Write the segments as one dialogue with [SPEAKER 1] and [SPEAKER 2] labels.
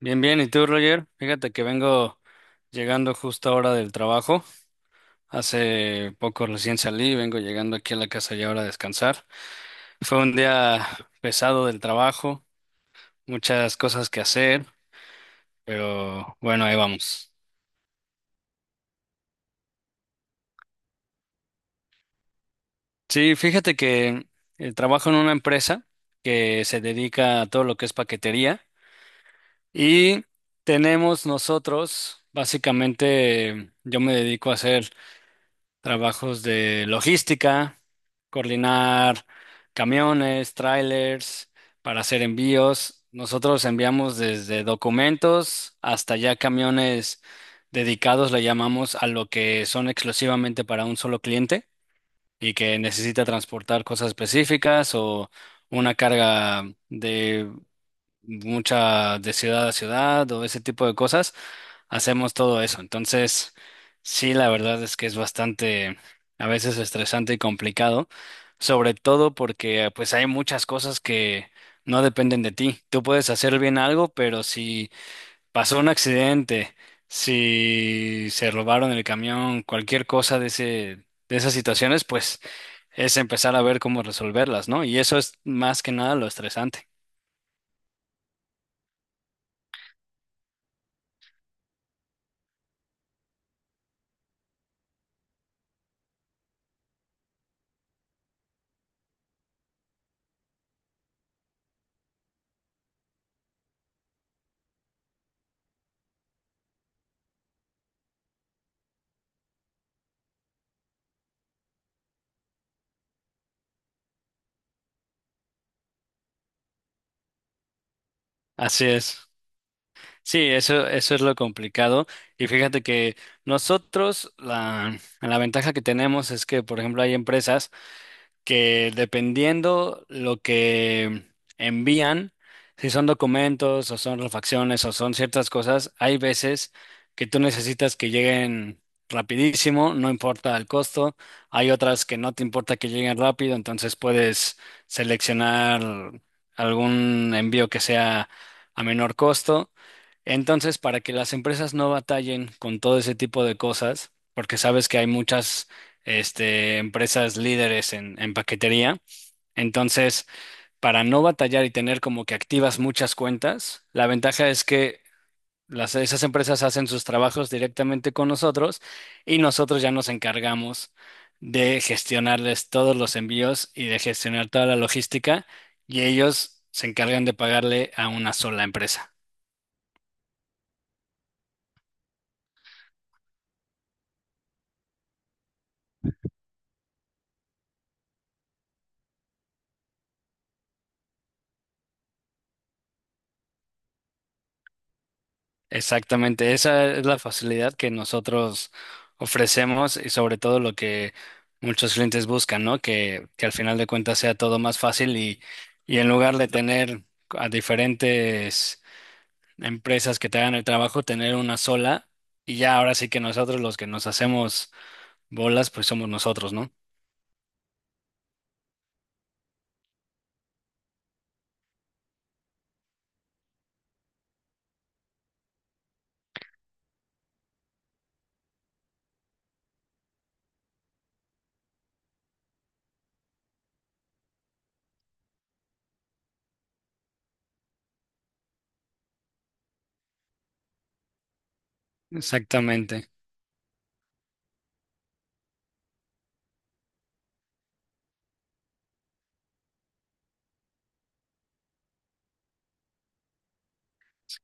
[SPEAKER 1] Bien, bien. ¿Y tú, Roger? Fíjate que vengo llegando justo ahora del trabajo. Hace poco recién salí, vengo llegando aquí a la casa ya ahora a descansar. Fue un día pesado del trabajo, muchas cosas que hacer, pero bueno, ahí vamos. Sí, fíjate que trabajo en una empresa que se dedica a todo lo que es paquetería y tenemos nosotros, básicamente, yo me dedico a hacer trabajos de logística, coordinar camiones, trailers para hacer envíos. Nosotros enviamos desde documentos hasta ya camiones dedicados, le llamamos a lo que son exclusivamente para un solo cliente y que necesita transportar cosas específicas o una carga de mucha de ciudad a ciudad o ese tipo de cosas hacemos todo eso. Entonces, sí, la verdad es que es bastante, a veces estresante y complicado, sobre todo porque pues hay muchas cosas que no dependen de ti. Tú puedes hacer bien algo, pero si pasó un accidente, si se robaron el camión, cualquier cosa de ese de esas situaciones, pues es empezar a ver cómo resolverlas, ¿no? Y eso es más que nada lo estresante. Así es. Sí, eso es lo complicado. Y fíjate que nosotros, la ventaja que tenemos es que, por ejemplo, hay empresas que dependiendo lo que envían, si son documentos o son refacciones o son ciertas cosas, hay veces que tú necesitas que lleguen rapidísimo, no importa el costo, hay otras que no te importa que lleguen rápido, entonces puedes seleccionar algún envío que sea a menor costo. Entonces, para que las empresas no batallen con todo ese tipo de cosas, porque sabes que hay muchas este, empresas líderes en paquetería. Entonces, para no batallar y tener como que activas muchas cuentas, la ventaja es que las, esas empresas hacen sus trabajos directamente con nosotros y nosotros ya nos encargamos de gestionarles todos los envíos y de gestionar toda la logística y ellos se encargan de pagarle a una sola empresa. Exactamente, esa es la facilidad que nosotros ofrecemos y sobre todo lo que muchos clientes buscan, ¿no? Que al final de cuentas sea todo más fácil y en lugar de tener a diferentes empresas que te hagan el trabajo, tener una sola y ya ahora sí que nosotros los que nos hacemos bolas, pues somos nosotros, ¿no? Exactamente,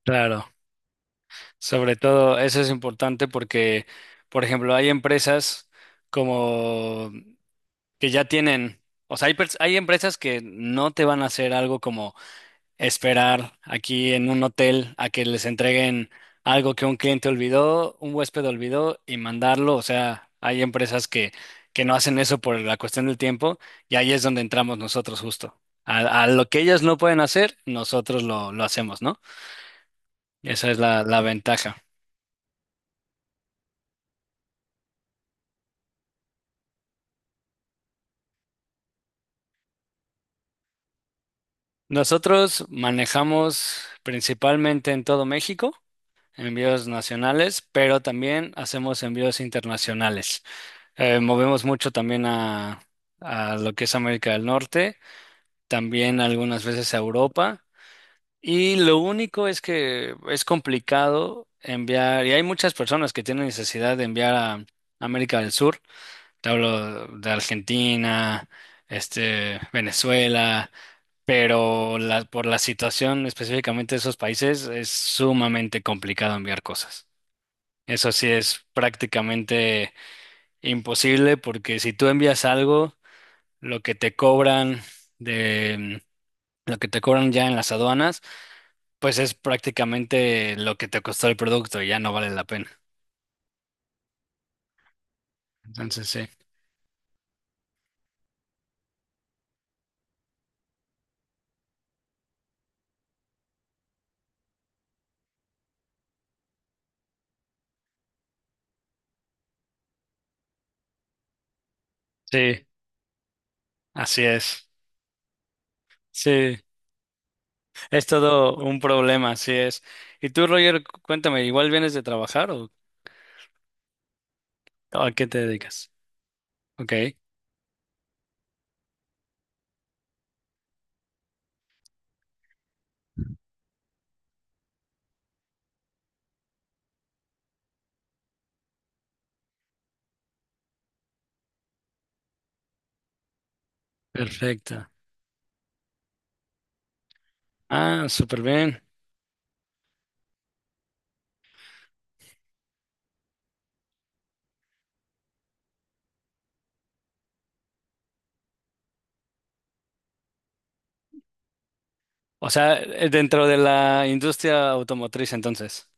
[SPEAKER 1] claro. Sobre todo eso es importante porque, por ejemplo, hay empresas como que ya tienen, o sea, hay empresas que no te van a hacer algo como esperar aquí en un hotel a que les entreguen algo que un cliente olvidó, un huésped olvidó y mandarlo, o sea, hay empresas que no hacen eso por la cuestión del tiempo y ahí es donde entramos nosotros justo. A lo que ellos no pueden hacer, nosotros lo hacemos, ¿no? Esa es la ventaja. Nosotros manejamos principalmente en todo México, envíos nacionales, pero también hacemos envíos internacionales. Movemos mucho también a lo que es América del Norte, también algunas veces a Europa. Y lo único es que es complicado enviar, y hay muchas personas que tienen necesidad de enviar a América del Sur. Te hablo de Argentina, este, Venezuela, pero por la situación específicamente de esos países es sumamente complicado enviar cosas. Eso sí es prácticamente imposible porque si tú envías algo, lo que te cobran de lo que te cobran ya en las aduanas, pues es prácticamente lo que te costó el producto y ya no vale la pena. Entonces sí. Sí, así es. Sí, es todo un problema, así es. Y tú, Roger, cuéntame, ¿igual vienes de trabajar o a qué te dedicas? Ok, perfecto. Ah, súper bien. O sea, dentro de la industria automotriz, entonces.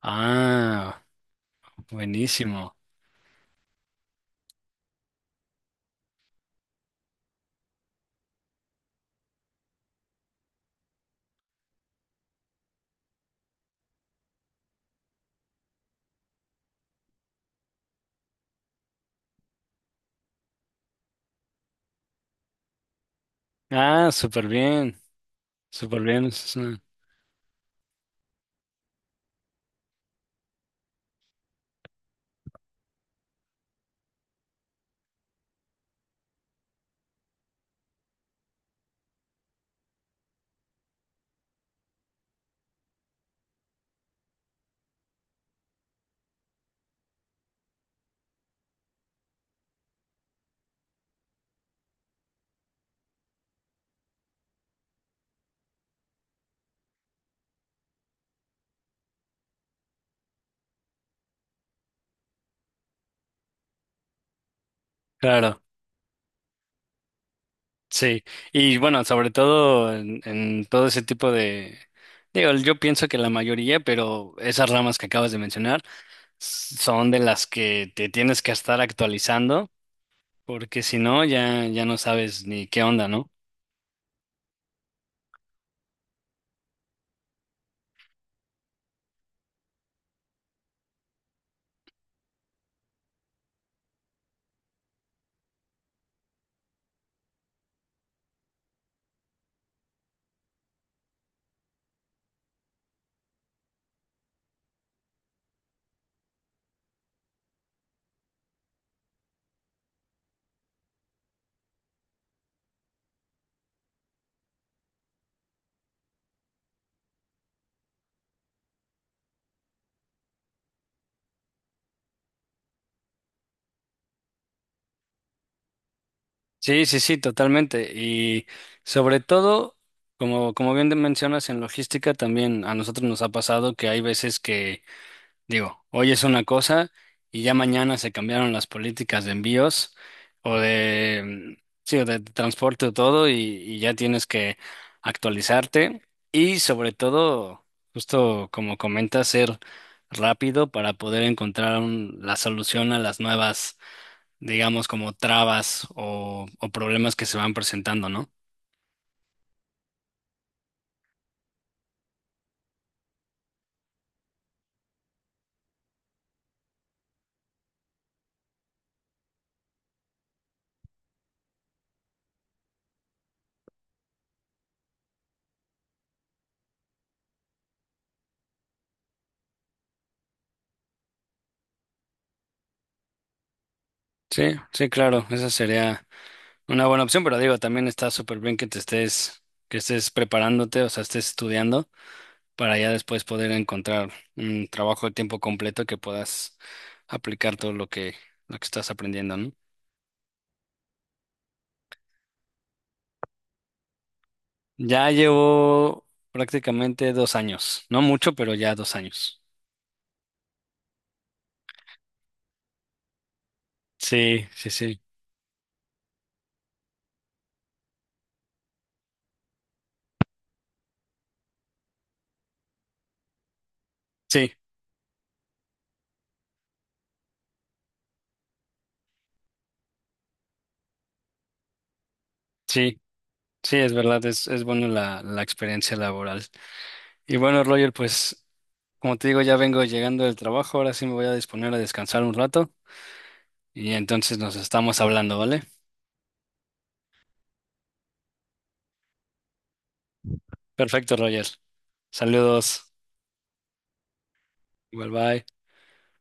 [SPEAKER 1] Ah, buenísimo. Ah, súper bien, súper bien. Es una Claro, sí. Y bueno, sobre todo en todo ese tipo de. Digo, yo pienso que la mayoría, pero esas ramas que acabas de mencionar son de las que te tienes que estar actualizando, porque si no, ya, ya no sabes ni qué onda, ¿no? Sí, sí, sí, totalmente. Y sobre todo, como, como bien te mencionas en logística, también a nosotros nos ha pasado que hay veces que digo, hoy es una cosa y ya mañana se cambiaron las políticas de envíos o de, mm, sí, o de transporte o todo y ya tienes que actualizarte y sobre todo, justo como comentas, ser rápido para poder encontrar la solución a las nuevas, digamos, como trabas o problemas que se van presentando, ¿no? Sí, sí, claro, esa sería una buena opción, pero digo, también está súper bien que te estés, que estés preparándote, o sea, estés estudiando para ya después poder encontrar un trabajo de tiempo completo que puedas aplicar todo lo que estás aprendiendo, ¿no? Ya llevo prácticamente 2 años, no mucho, pero ya 2 años. Sí, sí, sí, sí, sí, sí, es verdad, es bueno la experiencia laboral. Y bueno, Roger, pues como te digo, ya vengo llegando del trabajo, ahora sí me voy a disponer a descansar un rato y entonces nos estamos hablando, ¿vale? Perfecto, Roger. Saludos. Igual, bye.